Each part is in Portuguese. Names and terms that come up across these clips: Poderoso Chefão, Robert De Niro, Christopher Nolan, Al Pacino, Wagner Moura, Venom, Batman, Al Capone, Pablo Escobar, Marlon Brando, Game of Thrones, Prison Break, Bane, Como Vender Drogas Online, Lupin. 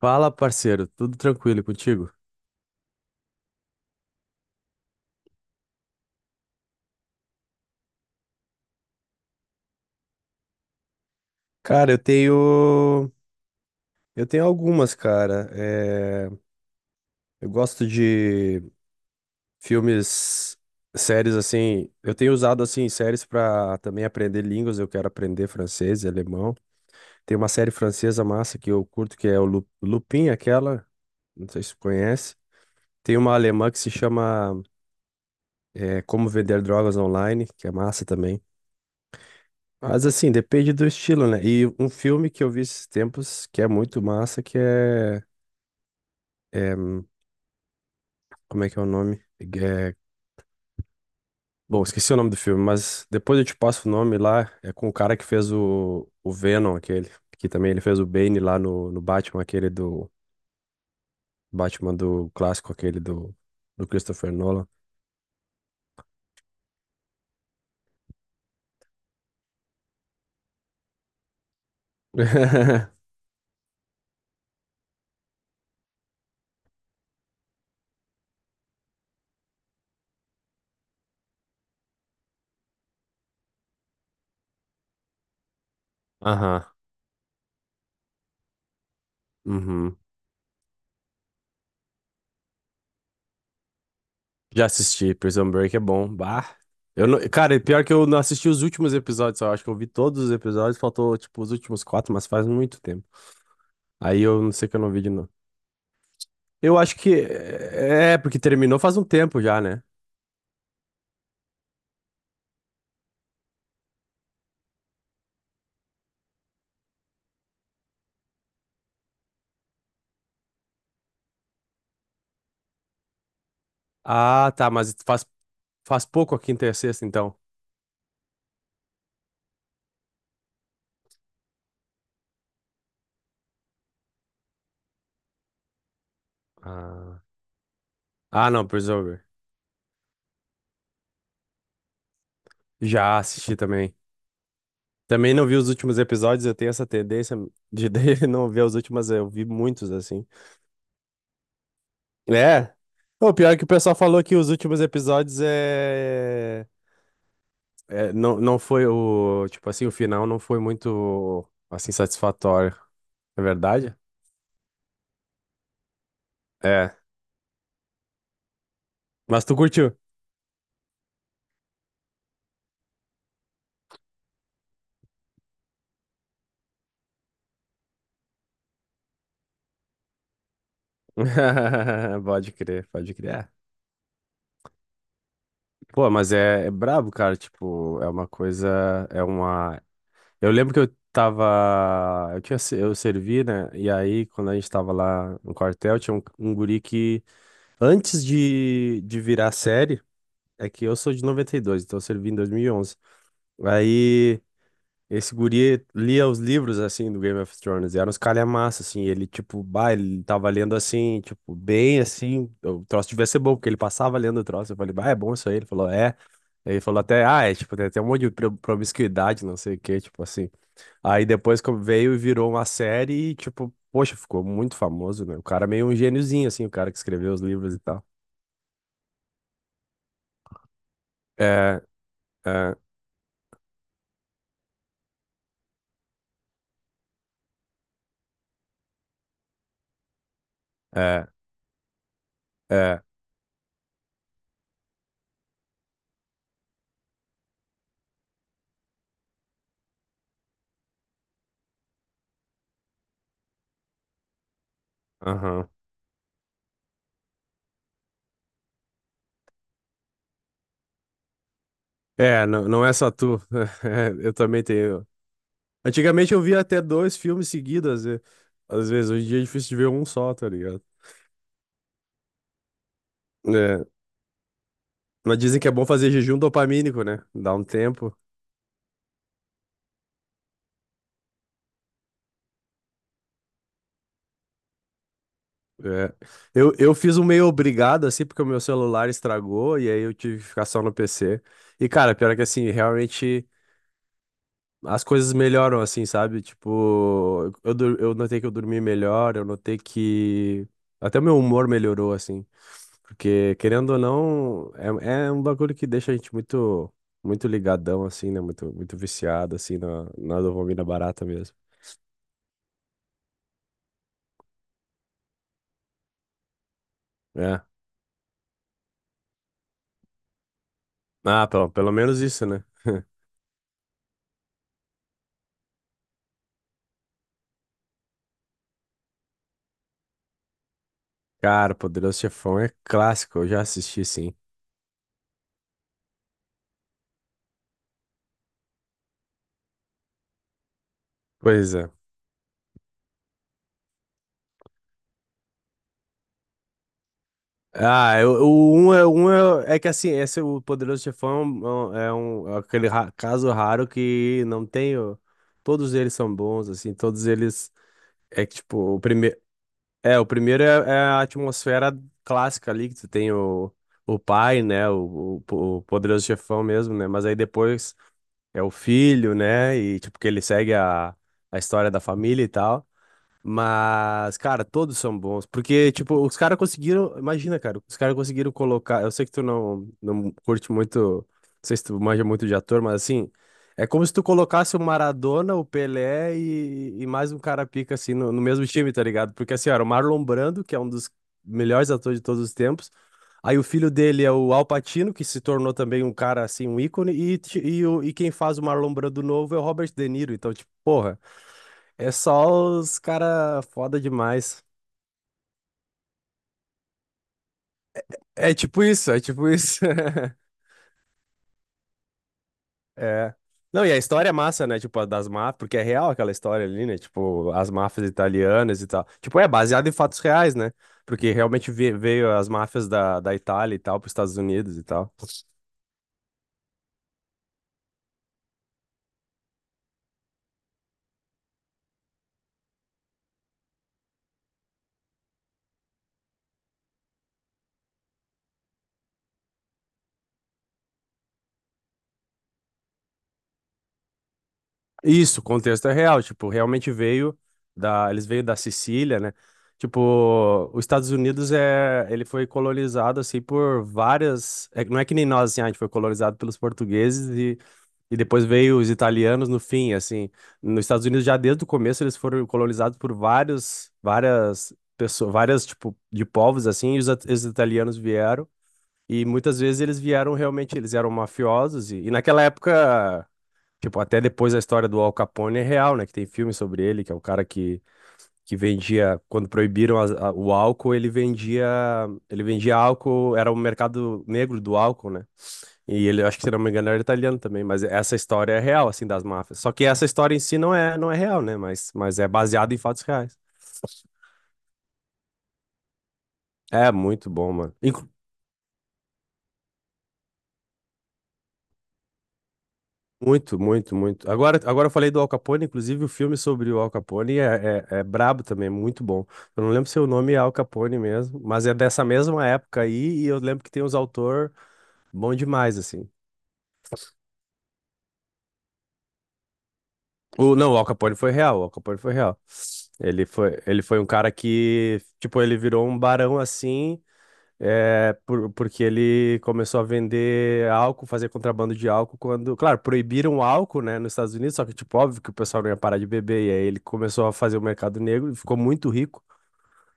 Fala, parceiro, tudo tranquilo contigo? Cara, eu tenho. Eu tenho algumas, cara. Eu gosto de filmes, séries assim. Eu tenho usado assim séries pra também aprender línguas. Eu quero aprender francês e alemão. Tem uma série francesa massa que eu curto, que é o Lupin, aquela. Não sei se tu conhece. Tem uma alemã que se chama Como Vender Drogas Online, que é massa também. Mas assim, depende do estilo, né? E um filme que eu vi esses tempos que é muito massa, é, hum, como é que é o nome? Bom, esqueci o nome do filme, mas depois eu te passo o nome lá. É com o cara que fez o Venom, aquele. Que também ele fez o Bane lá no Batman, aquele do. Batman do clássico, aquele do Christopher Nolan. Aham. Uhum. Já assisti, Prison Break é bom. Bah. Eu não... Cara, e pior que eu não assisti os últimos episódios, só. Eu acho que eu vi todos os episódios, faltou tipo os últimos quatro, mas faz muito tempo. Aí eu não sei que eu não vi de novo. Eu acho porque terminou faz um tempo já, né? Ah, tá, faz pouco a quinta e a sexta, então. Ah, ah, não, Prison Break. Já assisti também. Também não vi os últimos episódios, eu tenho essa tendência de não ver os últimos, eu vi muitos assim. É. O pior é que o pessoal falou que os últimos episódios não, não foi o. Tipo assim, o final não foi muito assim satisfatório. É verdade? É. Mas tu curtiu. Pode crer, pode crer. É. Pô, mas é brabo, cara. Tipo, é uma coisa. É uma. Eu lembro que eu tava. Eu tinha, se- Eu servi, né? E aí, quando a gente tava lá no quartel, tinha um guri que, antes de virar série. É que eu sou de 92, então eu servi em 2011. Aí esse guri lia os livros, assim, do Game of Thrones. E eram uns calhamaços, assim. Ele, tipo, bah, ele tava lendo, assim, tipo, bem, assim. O troço devia ser bom, porque ele passava lendo o troço. Eu falei, bah, é bom isso aí. Ele falou, é. Aí ele falou até, ah, é, tipo, tem até um monte de promiscuidade, não sei o quê, tipo assim. Aí depois que veio e virou uma série e, tipo, poxa, ficou muito famoso, né? O cara é meio um gêniozinho, assim, o cara que escreveu os livros e tal. É, é, é, é. Aham. Não, não é só tu. É, eu também tenho. Antigamente eu via até dois filmes seguidos, às vezes. Hoje em dia é difícil de ver um só, tá ligado? É. Mas dizem que é bom fazer jejum dopamínico, né? Dá um tempo. É. Eu fiz um meio obrigado, assim, porque o meu celular estragou e aí eu tive que ficar só no PC. E, cara, pior é que, assim, realmente as coisas melhoram, assim, sabe? Eu notei que eu dormi melhor, eu notei que até o meu humor melhorou, assim. Porque, querendo ou não, é um bagulho que deixa a gente muito, muito ligadão, assim, né? Muito, muito viciado, assim, na dopamina barata mesmo. É. Ah, pelo menos isso, né? Cara, Poderoso Chefão é clássico, eu já assisti, sim. Pois é. Ah, eu- o um é, é que assim, esse o Poderoso Chefão é aquele caso raro que não tem. Todos eles são bons, assim, todos eles. É que, tipo, o primeiro é a atmosfera clássica ali, que tu tem o pai, né? O poderoso chefão mesmo, né? Mas aí depois é o filho, né? E tipo, que ele segue a história da família e tal. Mas, cara, todos são bons. Porque, tipo, os caras conseguiram. Imagina, cara, os caras conseguiram colocar. Eu sei que tu não curte muito. Não sei se tu manja muito de ator, mas assim. É como se tu colocasse o Maradona, o Pelé e mais um cara pica, assim, no mesmo time, tá ligado? Porque, assim, era o Marlon Brando, que é um dos melhores atores de todos os tempos. Aí o filho dele é o Al Pacino, que se tornou também um cara, assim, um ícone. E quem faz o Marlon Brando novo é o Robert De Niro. Então, tipo, porra. É só os cara foda demais. É tipo isso, é tipo isso. É. Não, e a história é massa, né? Tipo, a das máfias, porque é real aquela história ali, né? Tipo, as máfias italianas e tal. Tipo, é baseado em fatos reais, né? Porque realmente veio as máfias da Itália e tal para os Estados Unidos e tal. Isso, o contexto é real, tipo, realmente veio da, eles veio da Sicília, né? Tipo, os Estados Unidos é, ele foi colonizado assim por várias, é que não é que nem nós assim, ah, a gente foi colonizado pelos portugueses e depois veio os italianos no fim, assim. Nos Estados Unidos já desde o começo eles foram colonizados por vários, várias pessoas, várias tipo de povos assim, e os italianos vieram e muitas vezes eles vieram realmente, eles eram mafiosos e naquela época. Tipo, até depois a história do Al Capone é real, né? Que tem filme sobre ele, que é um cara que vendia, quando proibiram o álcool, ele vendia álcool, era o mercado negro do álcool, né? E ele, acho que se não me engano, era italiano também, mas essa história é real, assim, das máfias. Só que essa história em si não é real, né? Mas é baseada em fatos reais. É muito bom, mano. Muito, muito, muito. Agora, agora eu falei do Al Capone, inclusive o filme sobre o Al Capone é brabo também, é muito bom. Eu não lembro se o nome é Al Capone mesmo, mas é dessa mesma época aí, e eu lembro que tem uns autor bom demais, assim. Não, o Al Capone foi real, o Al Capone foi real. Ele foi um cara que, tipo, ele virou um barão assim. Porque ele começou a vender álcool, fazer contrabando de álcool quando, claro, proibiram o álcool, né, nos Estados Unidos, só que tipo, óbvio que o pessoal não ia parar de beber, e aí ele começou a fazer o mercado negro e ficou muito rico.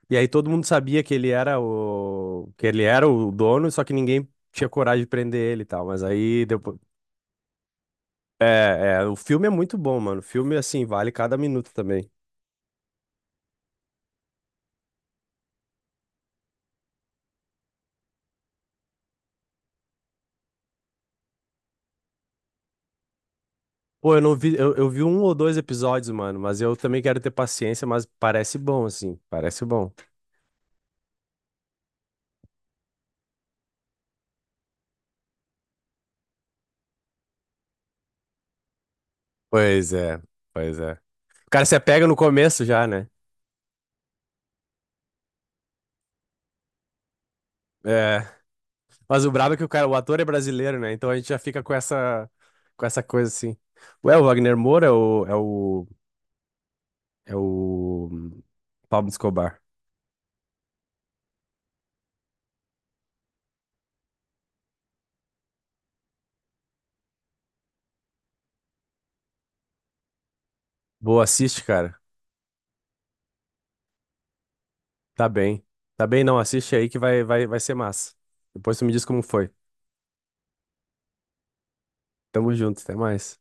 E aí todo mundo sabia que ele era o dono, só que ninguém tinha coragem de prender ele e tal, mas aí depois o filme é muito bom, mano. O filme assim vale cada minuto também. Pô, eu não vi, eu vi um ou dois episódios, mano, mas eu também quero ter paciência, mas parece bom assim, parece bom. Pois é, pois é. O cara se apega no começo já, né? É. Mas o brabo é que o cara, o ator é brasileiro, né? Então a gente já fica com essa coisa assim. Ué, o Wagner Moura é o Pablo Escobar. Boa, assiste, cara. Tá bem. Tá bem, não, assiste aí que vai ser massa. Depois tu me diz como foi. Tamo junto, até mais.